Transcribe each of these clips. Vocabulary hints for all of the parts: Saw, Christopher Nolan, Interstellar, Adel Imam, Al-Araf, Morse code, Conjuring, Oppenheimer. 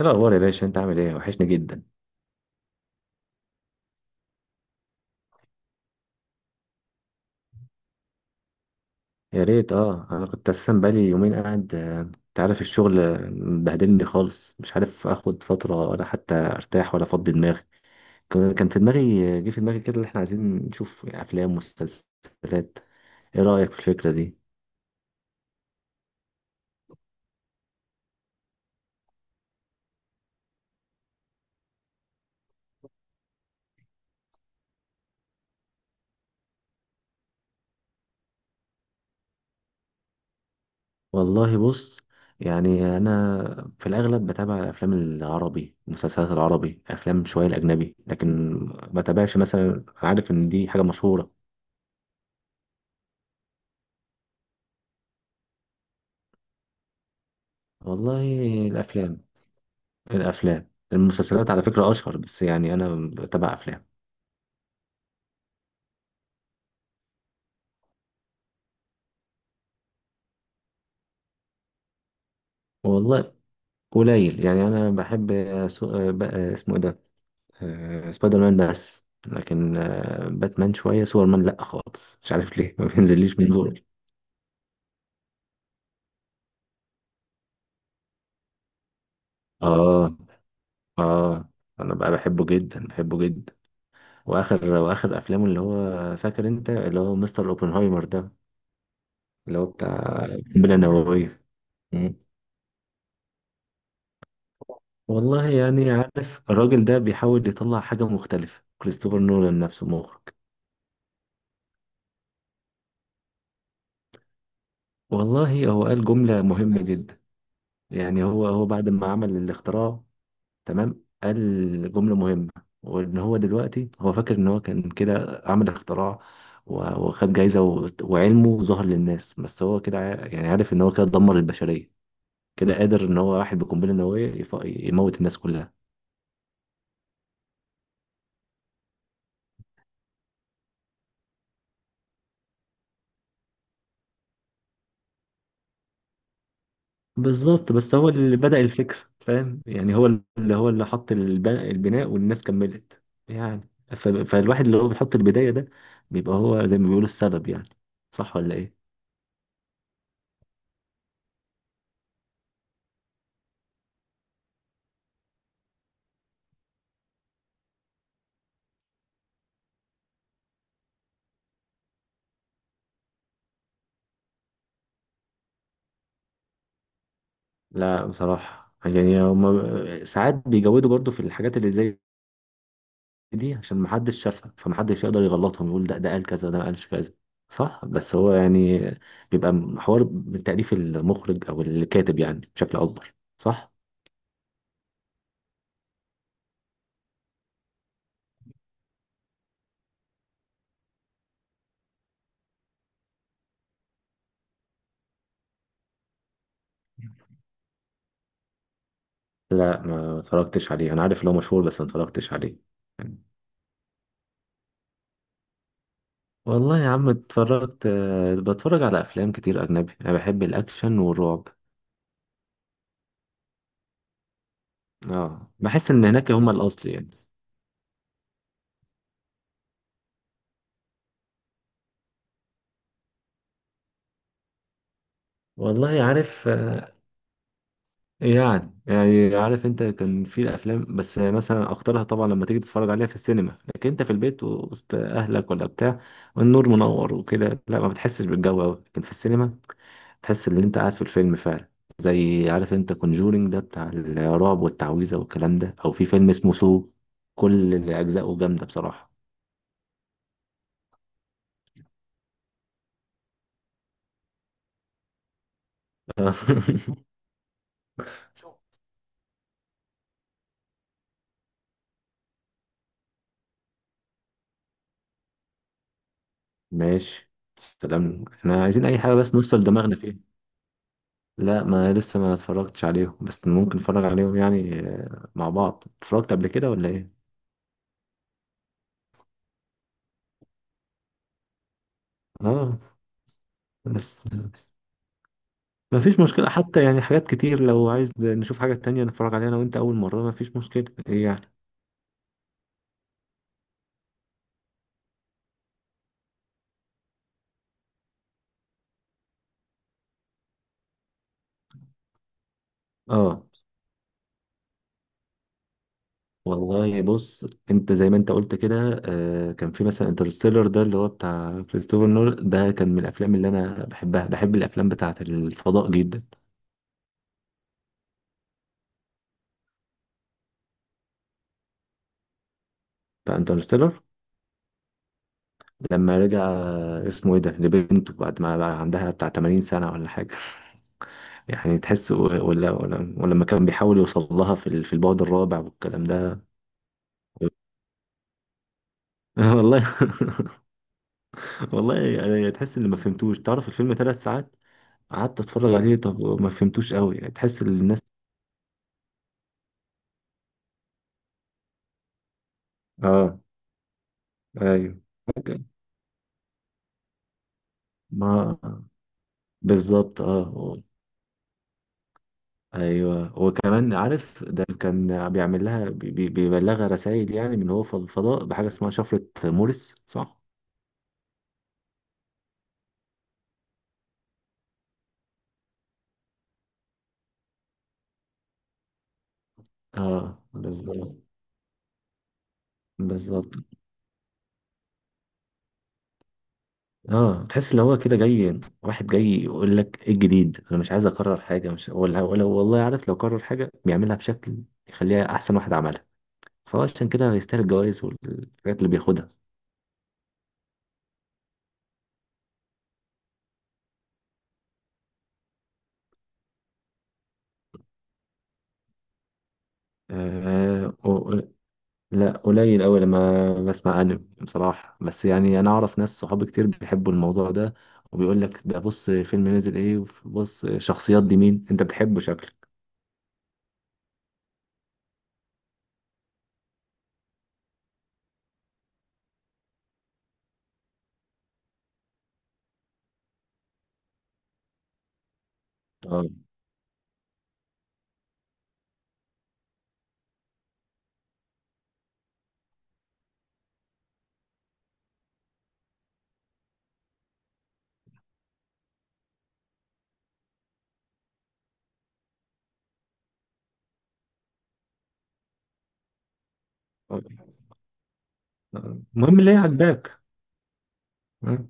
ايه الاخبار يا باشا؟ انت عامل ايه؟ وحشني جدا. يا ريت، اه، انا كنت اساسا بقالي يومين قاعد. انت عارف الشغل، مبهدلني خالص، مش عارف اخد فتره ولا حتى ارتاح ولا افضي دماغي. كان في دماغي، جه في دماغي كده اللي احنا عايزين نشوف افلام ومسلسلات. ايه رايك في الفكره دي؟ والله بص، يعني انا في الاغلب بتابع الافلام العربي، المسلسلات العربي، افلام شويه الاجنبي، لكن ما بتابعش مثلا. عارف ان دي حاجه مشهوره. والله الافلام، الافلام المسلسلات على فكره اشهر، بس يعني انا بتابع افلام. والله قليل، يعني انا بحب سو... آه، ب- آه، اسمه ايه ده، سبايدر مان بس، لكن باتمان شويه. سوبر مان لا خالص، مش عارف ليه ما بينزليش من زوري. اه. اه، انا بقى بحبه جدا بحبه جدا. واخر افلامه اللي هو فاكر انت اللي هو مستر اوبنهايمر ده، اللي هو بتاع القنبله النوويه. والله يعني عارف الراجل ده بيحاول يطلع حاجة مختلفة، كريستوفر نولان نفسه مخرج. والله هو قال جملة مهمة جدا. يعني هو بعد ما عمل الاختراع، تمام، قال جملة مهمة، وإن هو دلوقتي هو فاكر إن هو كان كده عمل اختراع وخد جايزة وعلمه ظهر للناس، بس هو كده يعني عارف إن هو كده دمر البشرية، كده قادر إن هو واحد بقنبلة نووية يموت الناس كلها. بالظبط، بس هو اللي بدأ الفكرة، فاهم؟ يعني هو اللي حط البناء والناس كملت. يعني فالواحد اللي هو بيحط البداية ده، بيبقى هو زي ما بيقولوا السبب يعني. صح ولا ايه؟ لا بصراحة يعني هما ساعات بيجودوا برضو في الحاجات اللي زي دي، عشان محدش شافها فمحدش يقدر يغلطهم، يقول ده قال كذا، ده ما قالش كذا. صح بس هو يعني بيبقى حوار من تأليف المخرج او الكاتب يعني بشكل اكبر، صح؟ لا ما اتفرجتش عليه، انا عارف ان هو مشهور بس ما اتفرجتش عليه. والله يا عم اتفرجت، بتفرج على افلام كتير اجنبي، انا بحب الاكشن والرعب. اه بحس ان هناك هما الاصل يعني. والله عارف، يعني يعني عارف انت كان في الافلام، بس مثلا اختارها طبعا لما تيجي تتفرج عليها في السينما، لكن انت في البيت وسط اهلك ولا بتاع، والنور منور وكده، لا ما بتحسش بالجو قوي، لكن في السينما تحس ان انت قاعد في الفيلم فعلا. زي عارف انت كونجورينج ده بتاع الرعب والتعويذه والكلام ده، او في فيلم اسمه سو، كل اجزائه جامده بصراحه. ماشي، سلام احنا عايزين اي حاجه بس نوصل دماغنا فيها. لا ما لسه ما اتفرجتش عليهم، بس ممكن نتفرج عليهم يعني، مع بعض اتفرجت قبل كده ولا ايه؟ اه، بس ما فيش مشكله حتى يعني، حاجات كتير لو عايز نشوف حاجه تانية نتفرج عليها انا وانت اول مره ما فيش مشكله ايه يعني. اه، والله بص، انت زي ما انت قلت كده، كان في مثلا انترستيلر ده اللي هو بتاع كريستوفر نول ده، كان من الافلام اللي انا بحبها. بحب الافلام بتاعه الفضاء جدا. فانترستيلر لما رجع، اسمه ايه ده، لبنته بعد ما بقى عندها بتاع 80 سنه ولا حاجه. يعني تحس، و- ولا ولا ولما كان بيحاول يوصل لها في في البعد الرابع والكلام ده. والله. والله يعني تحس ان ما فهمتوش، تعرف الفيلم 3 ساعات قعدت اتفرج عليه، طب ما فهمتوش قوي تحس ان الناس. اه، ايوه ممكن. ما بالظبط. اه، ايوه وكمان عارف ده كان بيعمل لها بيبلغها رسائل، يعني من هو في الفضاء بحاجه اسمها شفره مورس، صح؟ اه، بالظبط. بالظبط، اه، تحس اللي هو كده جاي، واحد جاي يقول لك ايه الجديد، انا مش عايز اكرر حاجه، مش ولا ولا والله عارف لو كرر حاجه بيعملها بشكل يخليها احسن واحد عملها. فهو عشان كده هيستاهل الجوائز والحاجات اللي بياخدها. آه. لا قليل أوي لما بسمع أنمي بصراحة، بس يعني أنا أعرف ناس صحابي كتير بيحبوا الموضوع ده، وبيقول لك ده بص فيلم نزل إيه، وبص شخصيات دي مين أنت بتحبه شكلك. آه. آه. المهم اللي هي عجباك. آه.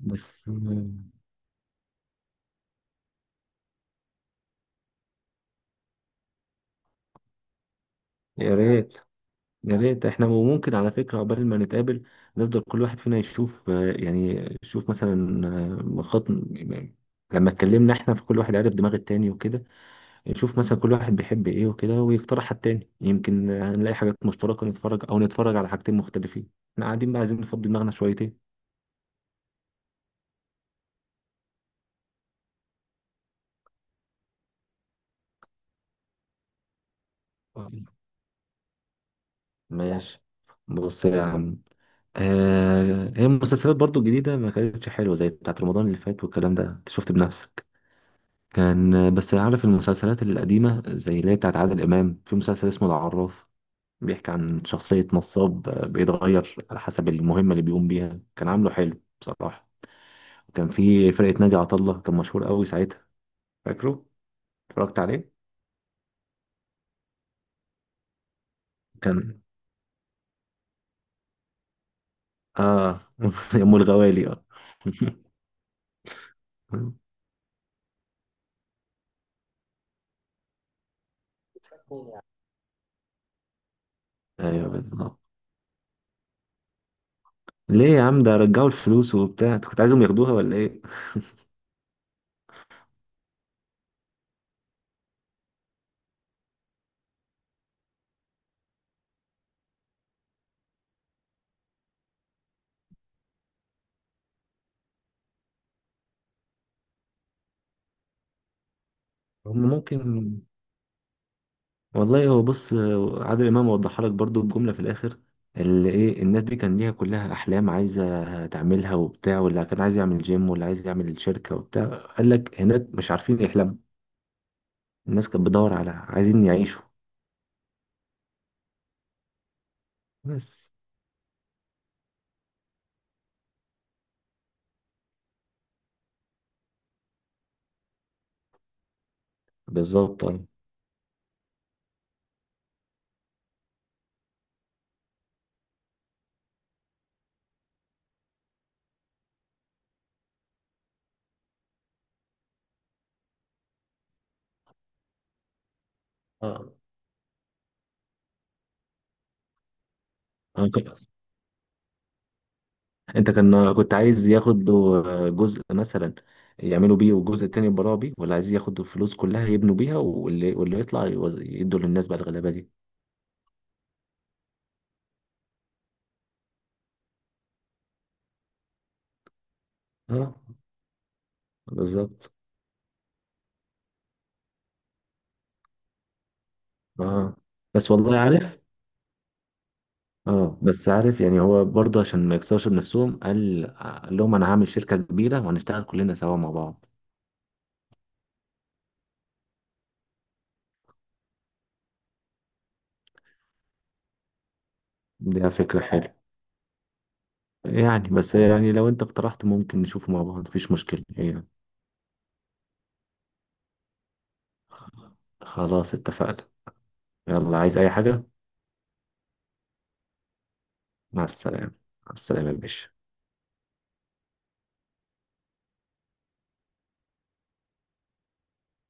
بس يا ريت يا ريت احنا، وممكن على فكرة عقبال ما نتقابل نفضل كل واحد فينا يشوف، يعني يشوف مثلا، خط لما اتكلمنا احنا، في كل واحد عارف دماغ التاني وكده، يشوف مثلا كل واحد بيحب ايه وكده ويقترح على التاني، يمكن نلاقي حاجات مشتركة نتفرج او نتفرج على حاجتين مختلفين. احنا قاعدين بقى عايزين نفضي دماغنا شويتين. ماشي، بص يا عم، آه هي المسلسلات برضو الجديدة ما كانتش حلوة زي بتاعت رمضان اللي فات والكلام ده، انت شفت بنفسك. كان بس عارف المسلسلات القديمة زي اللي هي بتاعت عادل إمام، في مسلسل اسمه العراف، بيحكي عن شخصية نصاب بيتغير على حسب المهمة اللي بيقوم بيها، كان عامله حلو بصراحة. كان في فرقة ناجي عطا الله، كان مشهور قوي ساعتها، فاكره، اتفرجت عليه. كان، اه، ام الغوالي، اه. ايوه بالظبط. ليه يا عم، ده رجعوا الفلوس وبتاع، انت كنت عايزهم ياخدوها ولا ايه؟ هم ممكن. والله هو بص، عادل امام وضحها لك برضو بجملة في الاخر، اللي ايه الناس دي كان ليها كلها احلام عايزة تعملها وبتاع، واللي كان عايز يعمل جيم واللي عايز يعمل شركة وبتاع، قال لك هناك مش عارفين يحلموا، الناس كانت بتدور على عايزين يعيشوا بس. بالظبط، أيوة. اه، أنا ك- انت كان كنت عايز ياخدوا جزء مثلا يعملوا بيه، والجزء التاني يبراوا بيه، ولا عايز ياخدوا الفلوس كلها يبنوا بيها، واللي يطلع يدوا للناس بقى الغلابه دي. اه، بالظبط. اه، بس والله عارف، اه بس عارف يعني هو برضه عشان ما يكسرش بنفسهم، قال لهم انا هعمل شركه كبيره وهنشتغل كلنا سوا مع بعض. دي فكره حلوه يعني، بس يعني لو انت اقترحت ممكن نشوفه مع بعض مفيش مشكله يعني. خلاص اتفقنا. يلا، عايز أي حاجة؟ مع السلامة. مع السلامة يا باشا.